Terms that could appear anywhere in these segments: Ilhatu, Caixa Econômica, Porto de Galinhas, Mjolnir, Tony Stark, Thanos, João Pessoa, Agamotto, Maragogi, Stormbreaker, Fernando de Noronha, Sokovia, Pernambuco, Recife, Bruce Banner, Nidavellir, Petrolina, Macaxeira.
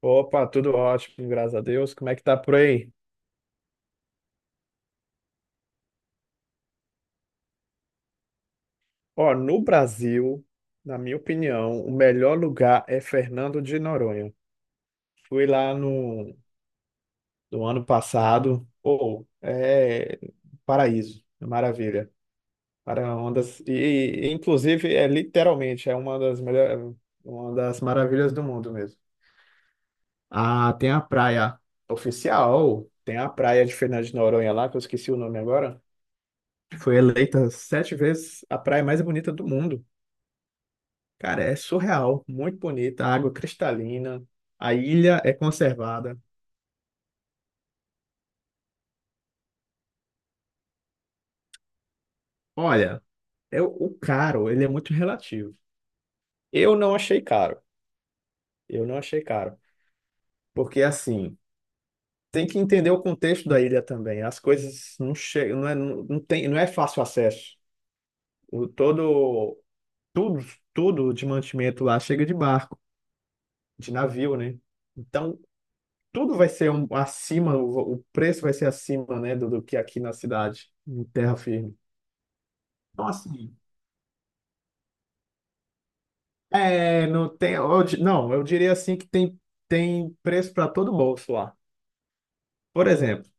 Opa, tudo ótimo, graças a Deus. Como é que tá por aí? Ó, no Brasil, na minha opinião, o melhor lugar é Fernando de Noronha. Fui lá no ano passado, ou é paraíso, é maravilha. Para ondas e, inclusive é literalmente uma das melhores, uma das maravilhas do mundo mesmo. Ah, tem a praia oficial, tem a praia de Fernando de Noronha lá, que eu esqueci o nome agora. Foi eleita 7 vezes a praia mais bonita do mundo. Cara, é surreal, muito bonita, a água cristalina, a ilha é conservada. Olha, é o caro, ele é muito relativo. Eu não achei caro, eu não achei caro, porque assim, tem que entender o contexto da ilha também. As coisas não chegam, não é, não tem, não é fácil acesso. O todo, tudo, tudo de mantimento lá chega de barco, de navio, né? Então, tudo vai ser acima, o preço vai ser acima, né, do que aqui na cidade, em terra firme. Então, assim, não tem, não, eu diria assim que tem preço para todo bolso lá. Por exemplo,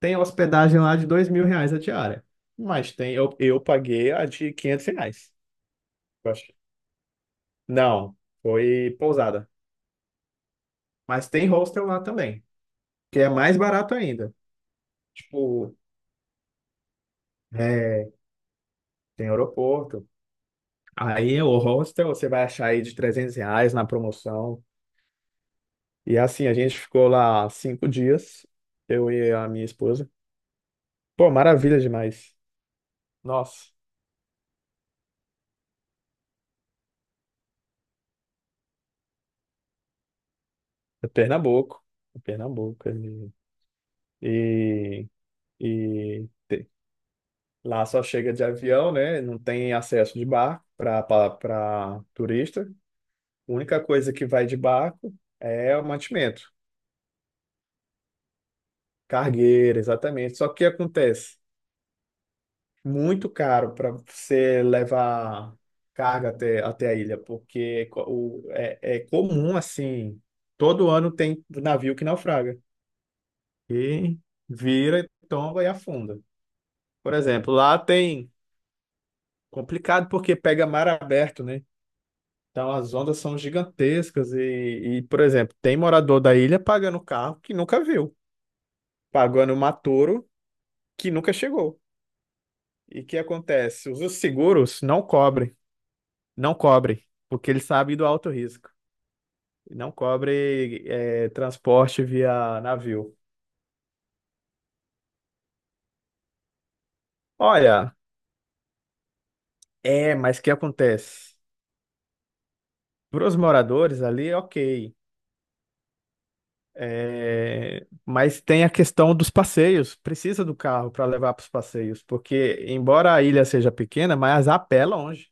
tem hospedagem lá de R$ 2.000 a diária, mas tem, eu paguei a de R$ 500. Eu acho. Não, foi pousada. Mas tem hostel lá também, que é mais barato ainda. Tipo, é, tem aeroporto. Aí o hostel você vai achar aí de R$ 300 na promoção. E assim, a gente ficou lá 5 dias, eu e a minha esposa. Pô, maravilha demais. Nossa, é Pernambuco. É Pernambuco. E, e te- lá só chega de avião, né? Não tem acesso de barco para turista. A única coisa que vai de barco é o mantimento, cargueira, exatamente. Só que o que acontece? Muito caro para você levar carga até a ilha, porque é comum assim, todo ano tem navio que naufraga e vira, tomba e afunda. Por exemplo, lá tem complicado porque pega mar aberto, né? Então as ondas são gigantescas e, por exemplo, tem morador da ilha pagando carro que nunca viu, pagando matouro que nunca chegou. E o que acontece? Os seguros não cobrem. Não cobre, porque ele sabe do alto risco. Não cobre transporte via navio. Olha, mas o que acontece? Para os moradores ali, ok. É, mas tem a questão dos passeios. Precisa do carro para levar para os passeios, porque embora a ilha seja pequena, mas a pé é longe.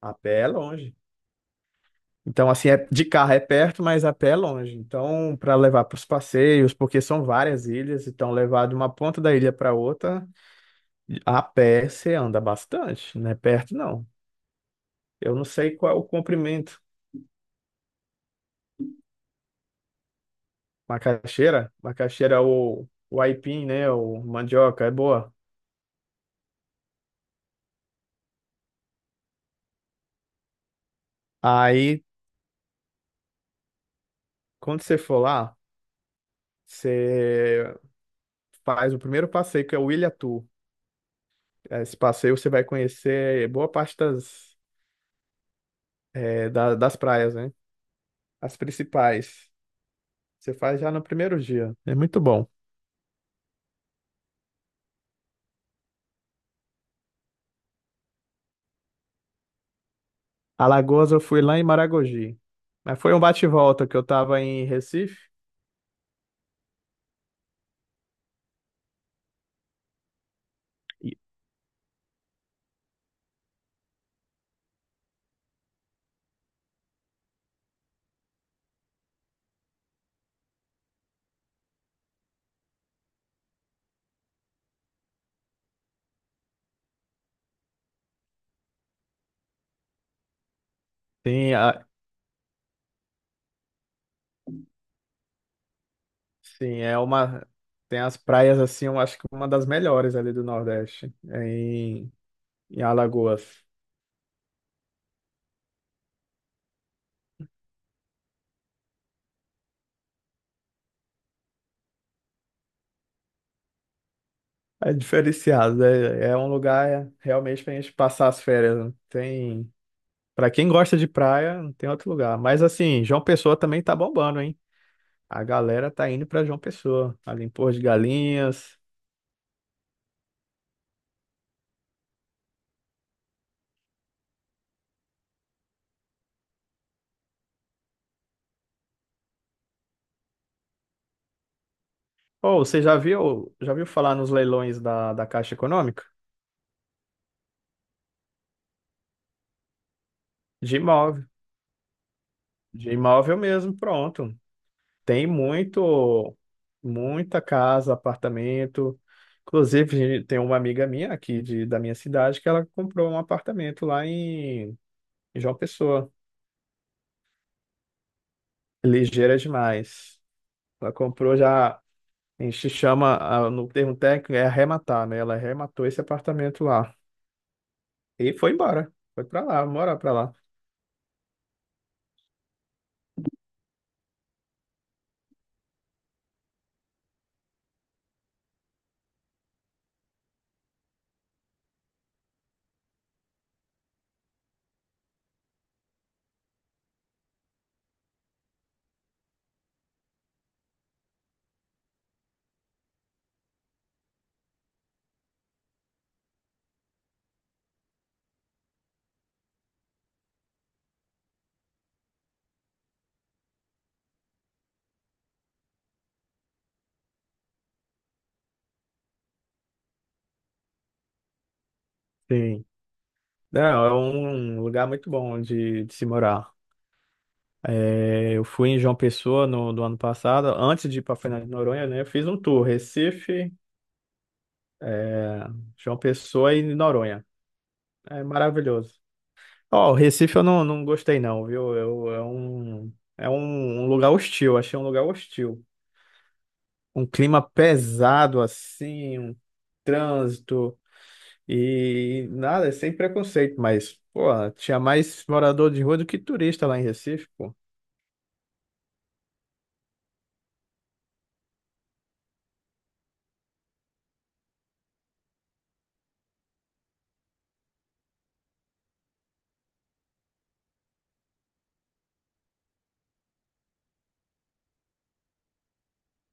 A pé é longe. Então, assim, de carro é perto, mas a pé é longe. Então, para levar para os passeios, porque são várias ilhas, então levar de uma ponta da ilha para outra. A pé você anda bastante, não é perto não. Eu não sei qual é o comprimento. Macaxeira? Macaxeira é o aipim, né? O mandioca, é boa. Aí, quando você for lá, você faz o primeiro passeio, que é o Ilhatu. Esse passeio você vai conhecer boa parte das das praias, né? As principais. Você faz já no primeiro dia. É muito bom. Alagoas eu fui lá em Maragogi. Mas foi um bate-volta que eu tava em Recife. E. Tem. Sim, é uma. Tem as praias assim, eu acho que uma das melhores ali do Nordeste, em Alagoas. É diferenciado, é um lugar realmente pra gente passar as férias. Não tem. Pra quem gosta de praia, não tem outro lugar. Mas assim, João Pessoa também tá bombando, hein? A galera tá indo pra João Pessoa, ali em Porto de Galinhas. Ou você já viu falar nos leilões da Caixa Econômica? De imóvel. De imóvel mesmo, pronto. Tem muita casa, apartamento. Inclusive, tem uma amiga minha aqui da minha cidade que ela comprou um apartamento lá em João Pessoa. É ligeira demais. Ela comprou já, a gente chama, no termo técnico, é arrematar, né? Ela arrematou esse apartamento lá. E foi embora. Foi pra lá, morar pra lá. Sim. Não, é um lugar muito bom de se morar. É, eu fui em João Pessoa no, do ano passado, antes de ir para Fernando de Noronha, né? Eu fiz um tour, Recife, é, João Pessoa e Noronha. É maravilhoso. Ó, o Recife eu não gostei não, viu? Eu, é um, um lugar hostil, achei um lugar hostil. Um clima pesado assim, um trânsito e nada, sem preconceito, mas, pô, tinha mais morador de rua do que turista lá em Recife, pô.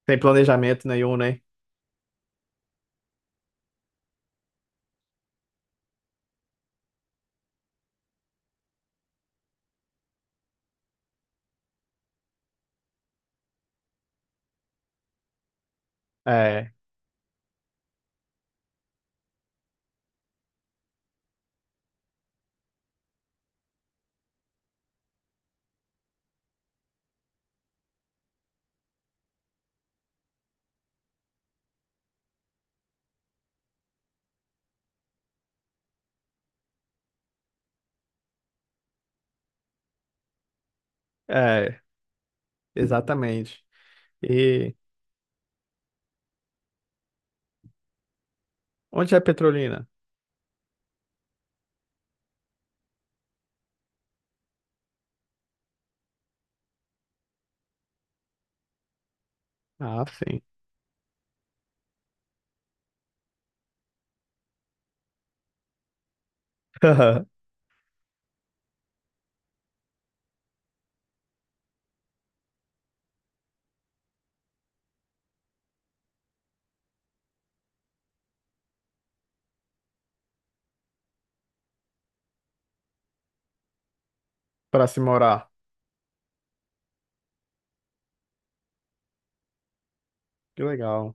Sem planejamento nenhum, né? É. É, exatamente. E onde é Petrolina? Ah, sim. Para se morar. Que legal.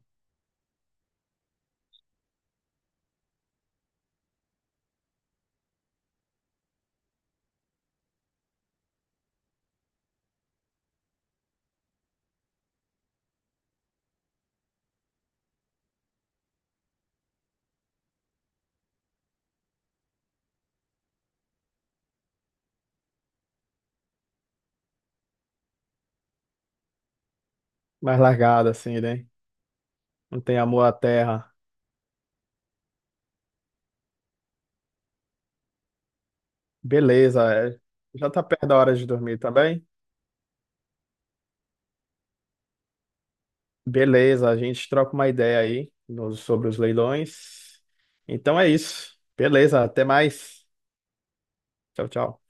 Mais largada, assim, né? Não tem amor à terra. Beleza. É. Já tá perto da hora de dormir também? Beleza. A gente troca uma ideia aí sobre os leilões. Então é isso. Beleza. Até mais. Tchau, tchau.